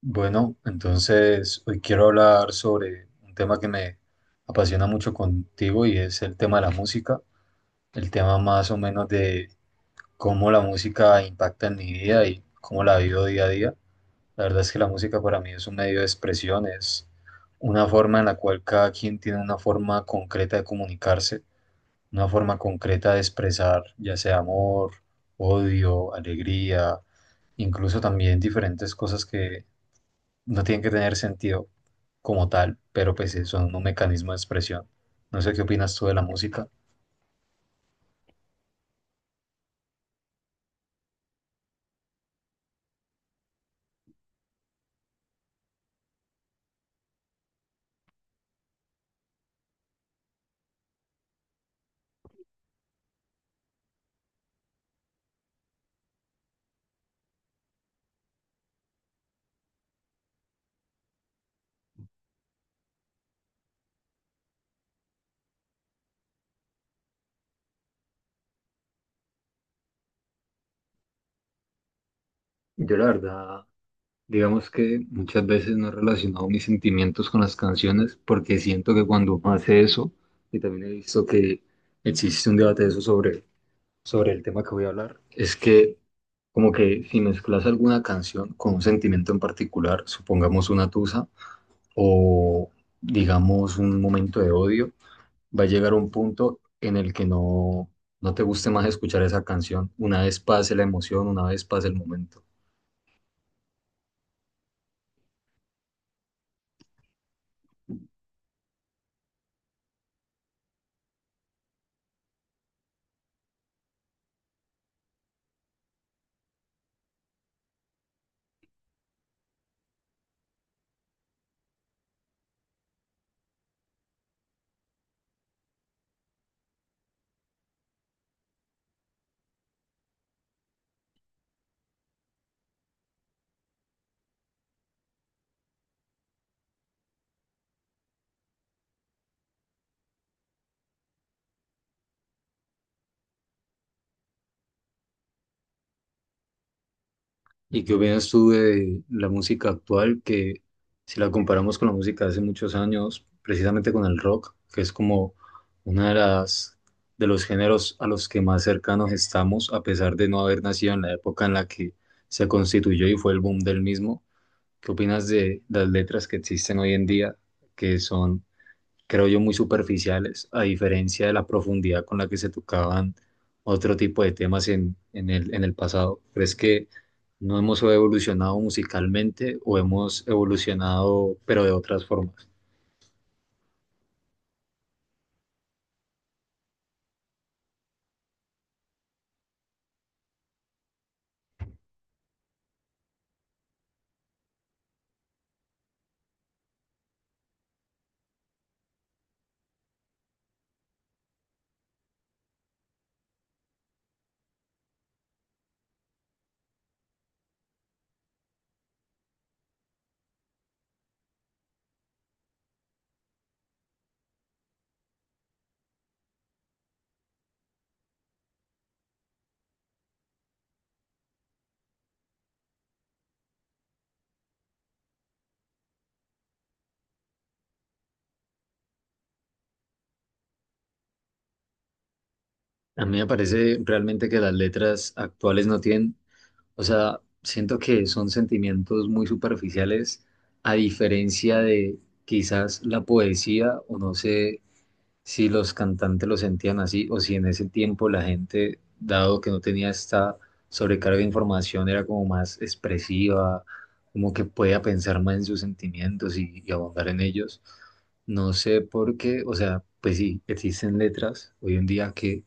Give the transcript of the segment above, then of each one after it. Bueno, entonces hoy quiero hablar sobre un tema que me apasiona mucho contigo, y es el tema de la música, el tema más o menos de cómo la música impacta en mi vida y cómo la vivo día a día. La verdad es que la música para mí es un medio de expresión, es una forma en la cual cada quien tiene una forma concreta de comunicarse, una forma concreta de expresar, ya sea amor, odio, alegría, incluso también diferentes cosas no tienen que tener sentido como tal, pero pues sí son un mecanismo de expresión. No sé qué opinas tú de la música. Yo la verdad, digamos que muchas veces no he relacionado mis sentimientos con las canciones porque siento que cuando uno hace eso, y también he visto que existe un debate de eso sobre el tema que voy a hablar, es que como que si mezclas alguna canción con un sentimiento en particular, supongamos una tusa o digamos un momento de odio, va a llegar un punto en el que no, no te guste más escuchar esa canción. Una vez pase la emoción, una vez pase el momento. ¿Y qué opinas tú de la música actual, que si la comparamos con la música de hace muchos años, precisamente con el rock, que es como una de las de los géneros a los que más cercanos estamos, a pesar de no haber nacido en la época en la que se constituyó y fue el boom del mismo? ¿Qué opinas de las letras que existen hoy en día, que son, creo yo, muy superficiales, a diferencia de la profundidad con la que se tocaban otro tipo de temas en el pasado? ¿Crees que no hemos evolucionado musicalmente o hemos evolucionado, pero de otras formas? A mí me parece realmente que las letras actuales no tienen, o sea, siento que son sentimientos muy superficiales, a diferencia de quizás la poesía, o no sé si los cantantes lo sentían así o si en ese tiempo la gente, dado que no tenía esta sobrecarga de información, era como más expresiva, como que podía pensar más en sus sentimientos y abundar en ellos. No sé por qué, o sea, pues sí, existen letras hoy en día que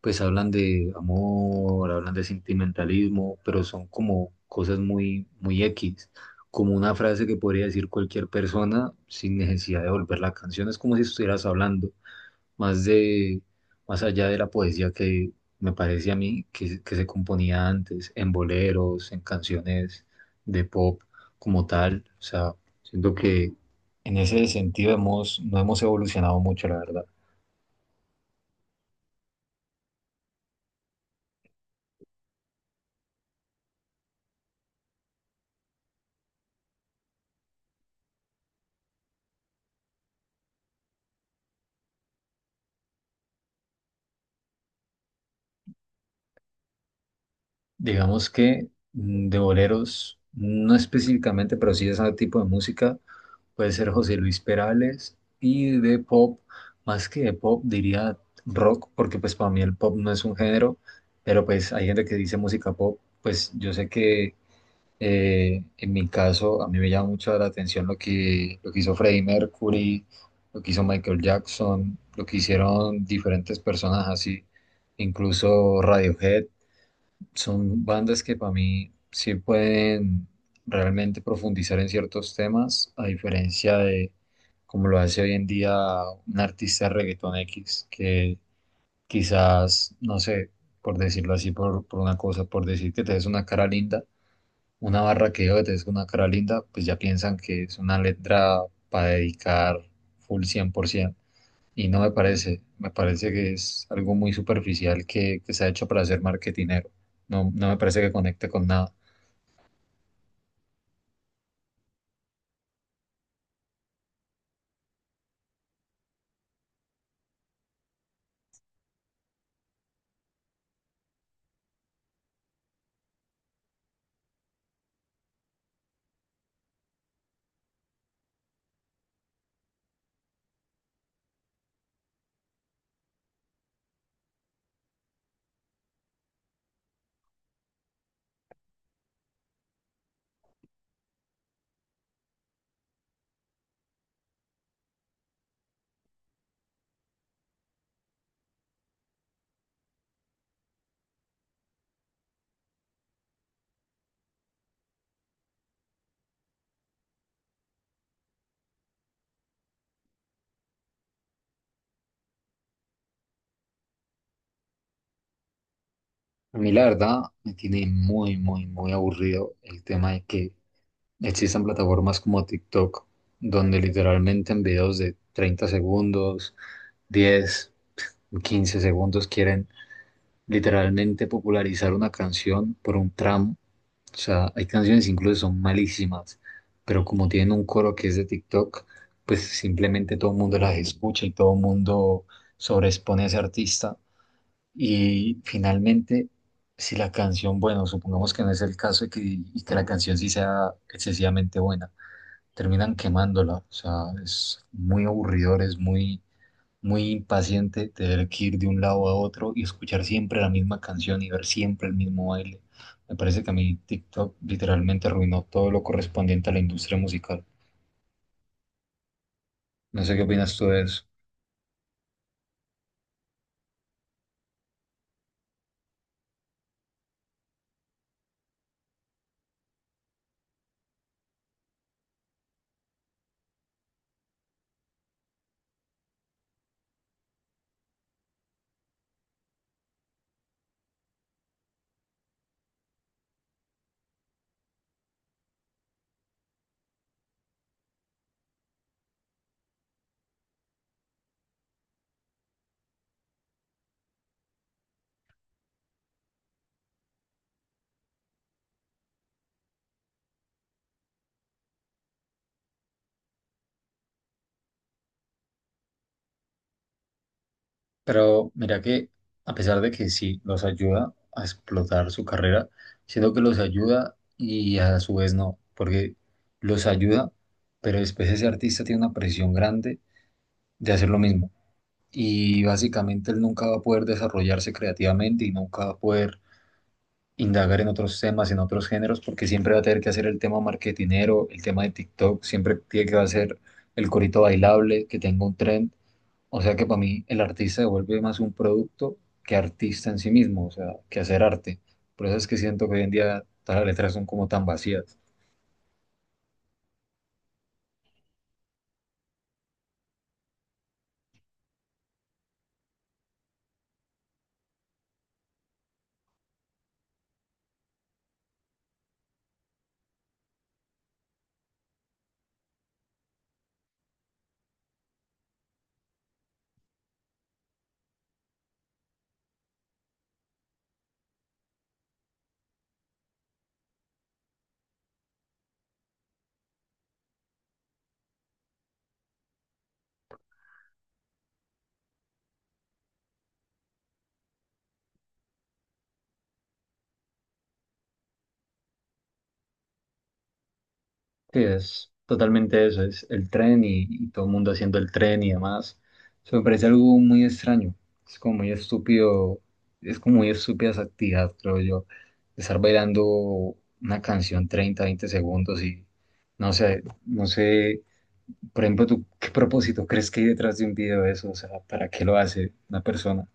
pues hablan de amor, hablan de sentimentalismo, pero son como cosas muy, muy X, como una frase que podría decir cualquier persona sin necesidad de volver la canción, es como si estuvieras hablando más de, más allá de la poesía que me parece a mí que se componía antes, en boleros, en canciones de pop como tal. O sea, siento que en ese sentido hemos, no hemos evolucionado mucho, la verdad. Digamos que de boleros, no específicamente, pero sí de ese tipo de música. Puede ser José Luis Perales, y de pop, más que de pop, diría rock, porque pues para mí el pop no es un género, pero pues hay gente que dice música pop. Pues yo sé que en mi caso a mí me llama mucho la atención lo que hizo Freddie Mercury, lo que hizo Michael Jackson, lo que hicieron diferentes personas así, incluso Radiohead. Son bandas que para mí sí pueden realmente profundizar en ciertos temas, a diferencia de como lo hace hoy en día un artista de reggaetón X, que quizás, no sé, por decirlo así, por una cosa, por decir que te des una cara linda, una barra que diga que te des una cara linda, pues ya piensan que es una letra para dedicar full 100%. Y no me parece, me parece que es algo muy superficial que se ha hecho para hacer marketinero. No, no me parece que conecte con nada. A mí la verdad me tiene muy, muy, muy aburrido el tema de que existan plataformas como TikTok, donde literalmente en videos de 30 segundos, 10 15 segundos, quieren literalmente popularizar una canción por un tramo. O sea, hay canciones incluso son malísimas, pero como tienen un coro que es de TikTok, pues simplemente todo el mundo las escucha y todo el mundo sobreexpone a ese artista. Y finalmente, si la canción, bueno, supongamos que no es el caso y que, la canción sí sea excesivamente buena, terminan quemándola. O sea, es muy aburridor, es muy muy impaciente de tener que ir de un lado a otro y escuchar siempre la misma canción y ver siempre el mismo baile. Me parece que a mí TikTok literalmente arruinó todo lo correspondiente a la industria musical. No sé qué opinas tú de eso. Pero mira que a pesar de que sí los ayuda a explotar su carrera, siento que los ayuda y a su vez no, porque los ayuda, pero después ese artista tiene una presión grande de hacer lo mismo. Y básicamente él nunca va a poder desarrollarse creativamente y nunca va a poder indagar en otros temas, en otros géneros, porque siempre va a tener que hacer el tema marketinero, el tema de TikTok, siempre tiene que hacer el corito bailable, que tenga un trend. O sea que para mí el artista se vuelve más un producto que artista en sí mismo, o sea, que hacer arte. Por eso es que siento que hoy en día todas las letras son como tan vacías. Sí, es totalmente eso, es el tren y todo el mundo haciendo el tren y demás. Eso me parece algo muy extraño, es como muy estúpido, es como muy estúpida esa actividad, creo yo, estar bailando una canción 30 20 segundos, y no sé, no sé, por ejemplo, ¿tú qué propósito crees que hay detrás de un video de eso? O sea, ¿para qué lo hace una persona?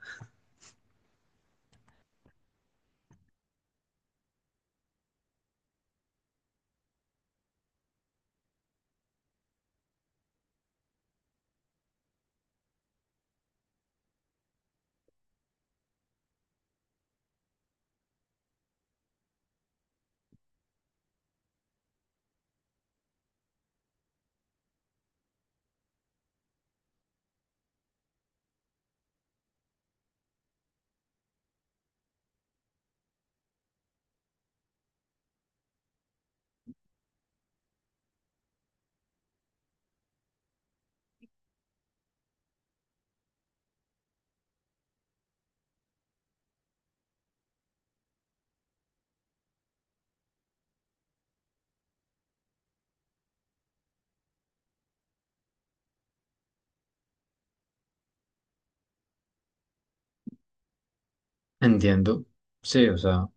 Entiendo, sí, o sea,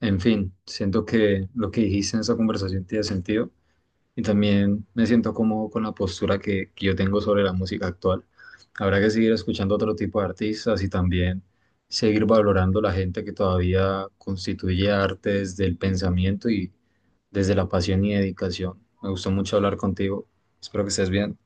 en fin, siento que lo que dijiste en esa conversación tiene sentido, y también me siento cómodo con la postura que yo tengo sobre la música actual. Habrá que seguir escuchando otro tipo de artistas y también seguir valorando la gente que todavía constituye arte desde el pensamiento y desde la pasión y dedicación. Me gustó mucho hablar contigo. Espero que estés bien.